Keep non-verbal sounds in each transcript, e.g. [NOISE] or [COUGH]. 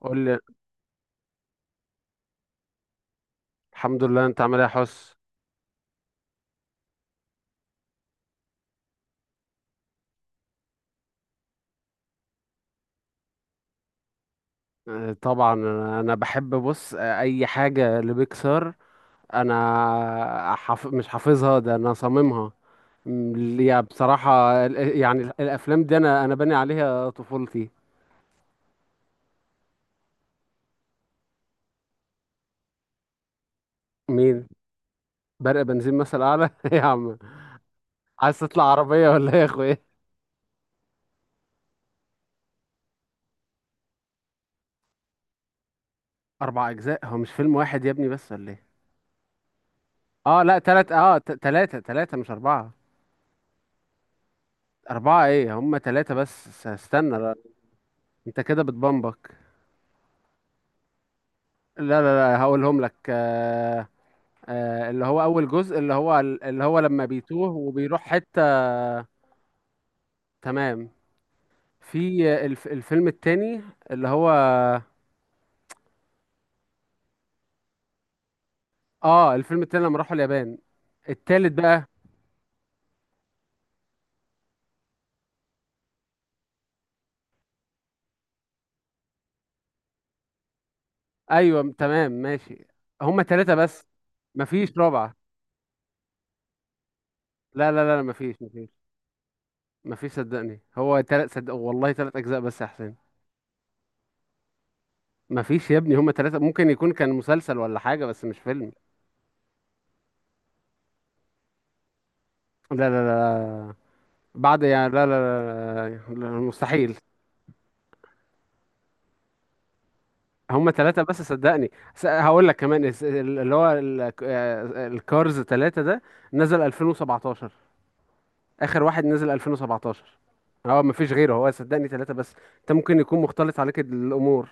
قول لي. الحمد لله، انت عامل ايه يا حس؟ آه، طبعا انا بحب بص، اي حاجه لبيكسار. مش حافظها ده انا صاممها. يا بصراحه الافلام دي انا باني عليها طفولتي. مين؟ برق بنزين مثل اعلى؟ [LAUGHS] ايه يا عم، عايز تطلع عربيه ولا ايه يا اخويا؟ اربع اجزاء؟ هو مش فيلم واحد يا ابني بس ولا ايه؟ اه لا تلات، تلاتة، تلاتة مش اربعه. اربعه ايه، هم تلاتة بس. استنى لا، انت كده بتبمبك. لا لا، لا هقولهم لك. آه آه، اللي هو اول جزء اللي هو لما بيتوه وبيروح حتة. تمام. في الفيلم التاني، اللي هو، اه الفيلم التاني لما راحوا اليابان. التالت بقى ايوه تمام ماشي. هما تلاتة بس. مفيش رابعة، لا لا لا، مفيش مفيش. مفيش، صدقني، هو تلات، صدق والله تلات اجزاء بس يا حسين. مفيش يا ابني، هما تلاتة. ممكن يكون كان مسلسل ولا حاجة بس مش فيلم. لا لا لا. بعد يعني لا، مستحيل. هما ثلاثة بس صدقني. هقول لك كمان، الس- اللي هو ال- آه، الكارز ثلاثة ده نزل 2017. آخر واحد نزل 2017. هو مفيش غيره، هو صدقني ثلاثة بس. انت ممكن يكون مختلط عليك الأمور.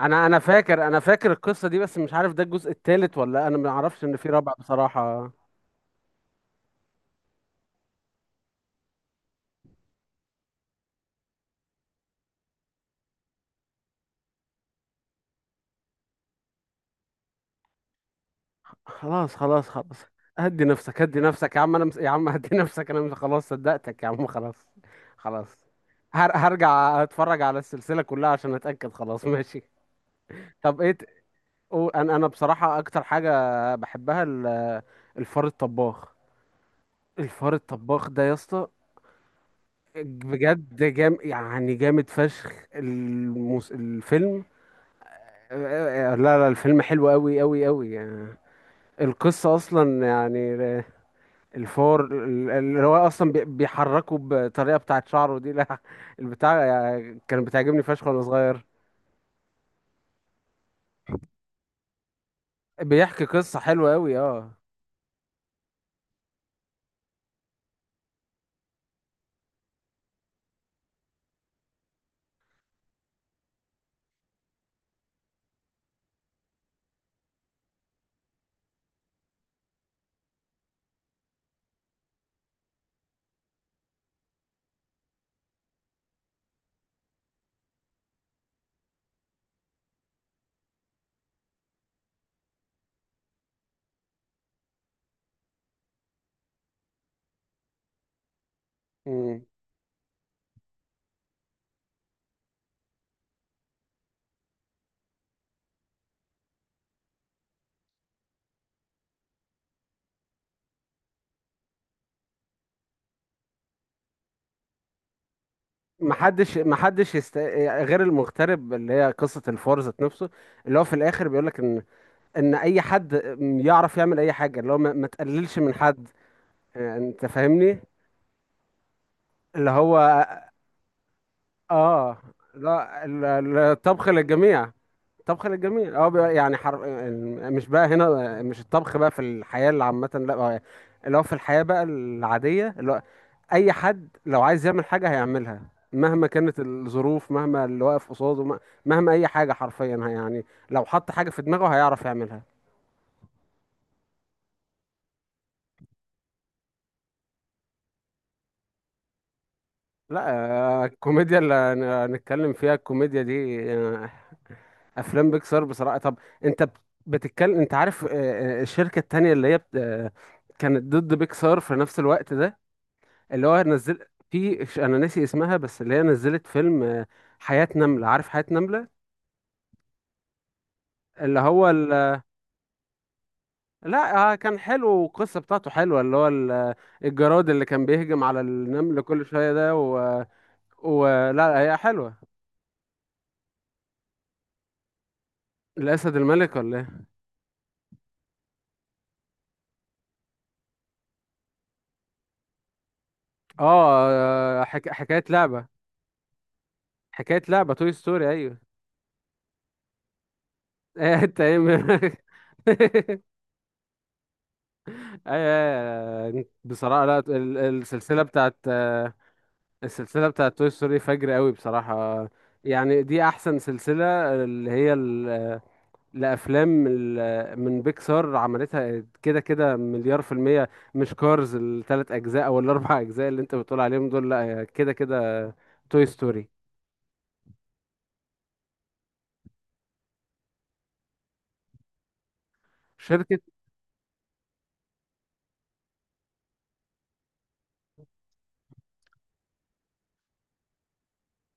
انا فاكر، انا فاكر القصة دي، بس مش عارف ده الجزء الثالث ولا انا ما اعرفش ان في رابع بصراحة. خلاص خلاص خلاص، هدي نفسك، هدي نفسك يا عم. يا عم هدي [LAUGHS] نفسك. خلاص صدقتك يا عم، خلاص خلاص. هرجع اتفرج على السلسلة كلها عشان اتأكد، خلاص [LAUGHS] ماشي. طب ايه، انا انا بصراحة اكتر حاجة بحبها الفار الطباخ. الفار الطباخ ده يا اسطى، بجد جامد فشخ. الفيلم، لا لا، الفيلم حلو قوي قوي قوي يعني. القصة أصلا يعني الفور، اللي هو اصلا بيحركه بطريقه بتاعه شعره دي [LAUGHS] لا، البتاع يعني كان بتعجبني فشخ وانا صغير. بيحكي قصه حلوه قوي اه. مم. محدش غير المغترب، اللي هي قصه الفور ذات نفسه، اللي هو في الاخر بيقول لك ان، ان اي حد يعرف يعمل اي حاجه. اللي هو ما تقللش من حد. انت فاهمني؟ اللي هو اه. لا، الطبخ للجميع، الطبخ الجميل، اه بقى يعني مش بقى هنا، مش الطبخ بقى في الحياة اللي عامة، لا، هو اللي هو في الحياة بقى العادية، اللي هو أي حد لو عايز يعمل حاجة هيعملها، مهما كانت الظروف، مهما اللي واقف قصاده، مهما أي حاجة حرفيا يعني. لو حط حاجة في دماغه هيعرف يعملها. لا آه، الكوميديا هنتكلم فيها، الكوميديا دي، آه، أفلام بيكسار بصراحة. طب أنت بتتكلم، أنت عارف، آه، آه، الشركة التانية اللي هي كانت ضد بيكسار في نفس الوقت ده، اللي هو نزل في، انا ناسي اسمها، بس اللي هي نزلت فيلم، آه، حياة نملة. عارف حياة نملة؟ اللي هو لا آه، كان حلو والقصة بتاعته حلوة، اللي هو الجراد اللي كان بيهجم على النمل كل شوية ده و... ولا هي حلوة؟ الأسد الملك ولا ايه؟ اه آه، حكاية لعبة، حكاية لعبة توي ستوري، ايوه. [LAUGHS] إيه، انت ايه [LAUGHS] ايوه؟ أيوة، بصراحة لا، السلسلة بتاعت، آه، السلسلة بتاعت توي ستوري فجر قوي بصراحة. يعني دي أحسن سلسلة، اللي هي ال- لأفلام، من بيكسار عملتها. كده كده مليار في المية مش كارز التلات أجزاء أو الأربع أجزاء اللي أنت بتقول عليهم دول. لأ كده كده توي ستوري شركة.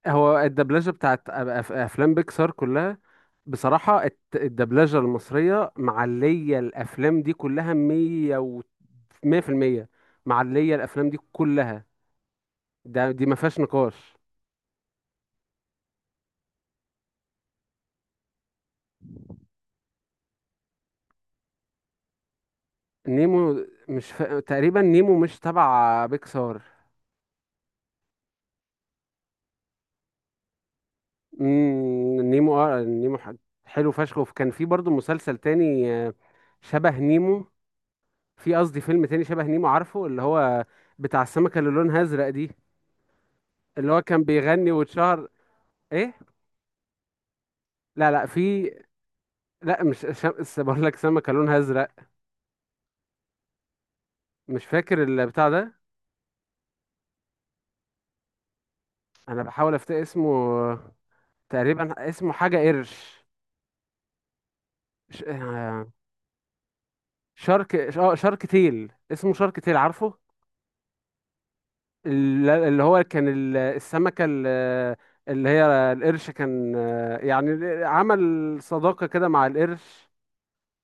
هو الدبلجة بتاعت أفلام بيكسار كلها بصراحة، الدبلجة المصرية معلية الأفلام دي كلها مية و مية في المية، معلية الأفلام دي كلها. ده دي ما فيهاش نقاش. نيمو مش تقريبا نيمو مش تبع بيكسار. مم، نيمو، اه نيمو حلو فشخ. وكان في برضو مسلسل تاني، آه، شبه نيمو، في قصدي فيلم تاني شبه نيمو، عارفه اللي هو بتاع السمكة اللي لونها ازرق دي؟ اللي هو كان بيغني واتشهر. ايه؟ لا لا، في، لا مش بقول لك سمكة لونها ازرق. مش فاكر البتاع ده. انا بحاول افتكر اسمه. تقريبا اسمه حاجة قرش، مش... شارك، اه شارك تيل، اسمه شارك تيل، عارفه؟ اللي هو كان السمكة، ال- اللي هي القرش كان يعني عمل صداقة كده مع القرش.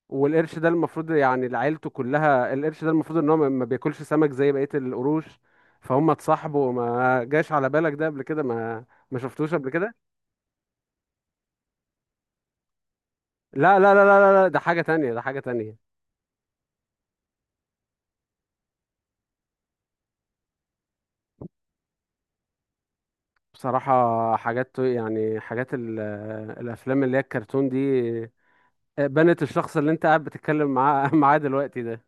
والقرش ده المفروض يعني لعيلته كلها، القرش ده المفروض ان هو ما بياكلش سمك زي بقية القروش، فهم اتصاحبوا. ما جاش على بالك ده قبل كده؟ ما شفتوش قبل كده؟ لا لا لا، ده حاجة تانية، ده حاجة تانية. بصراحة حاجات يعني، حاجات الأفلام اللي هي الكرتون دي، بنت الشخص اللي انت قاعد بتتكلم [LAUGHS] معاه دلوقتي ده.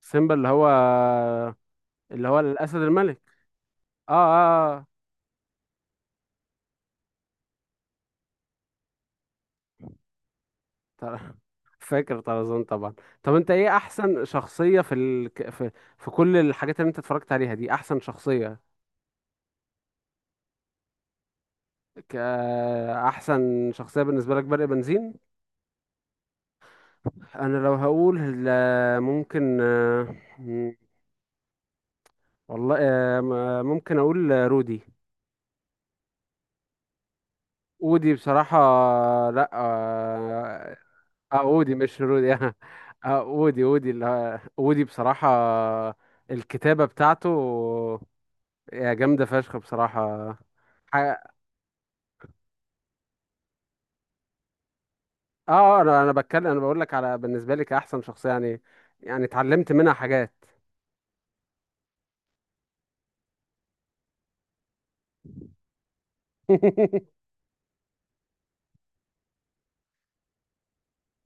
سيمبا، اللي هو، اللي هو الاسد الملك، اه اه آه. طر- [LAUGHS] فاكر طرزان طبعا. طب انت ايه احسن شخصية في في في كل الحاجات اللي انت اتفرجت عليها دي؟ احسن شخصية؟ ك... آه، احسن شخصية بالنسبة لك برق بنزين. انا لو هقول لا، ممكن، آه، والله، آه، ممكن اقول، آه، رودي. ودي بصراحة، لا آه، اه اودي مش رودي [LAUGHS] اه اودي، اودي، اللي اودي بصراحة الكتابة بتاعته يا جامدة فشخ بصراحة. اه آه، انا بتكلم، انا بقول لك على بالنسبة لي كأحسن شخصية يعني، يعني اتعلمت منها حاجات. [LAUGHS]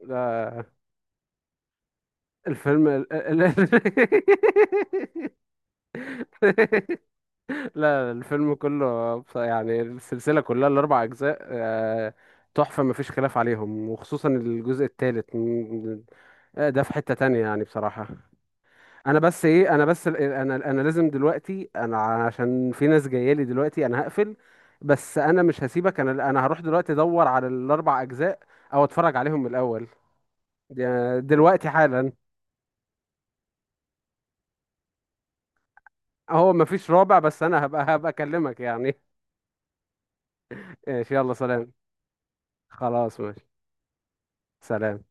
لا الفيلم [LAUGHS] لا الفيلم كله يعني السلسلة كلها الأربع أجزاء، آه، تحفة، مفيش خلاف عليهم، وخصوصا الجزء الثالث، آه، ده في حتة تانية يعني بصراحة. انا بس ايه، انا بس، انا لازم دلوقتي انا، عشان في ناس جاية لي دلوقتي، انا هقفل. بس انا مش هسيبك، انا هروح دلوقتي ادور على الاربع اجزاء او اتفرج عليهم من الاول. دلوقتي حالا. هو مفيش رابع بس انا هبقى اكلمك يعني. [LAUGHS] ماشي، يلا سلام. خلاص ماشي. سلام.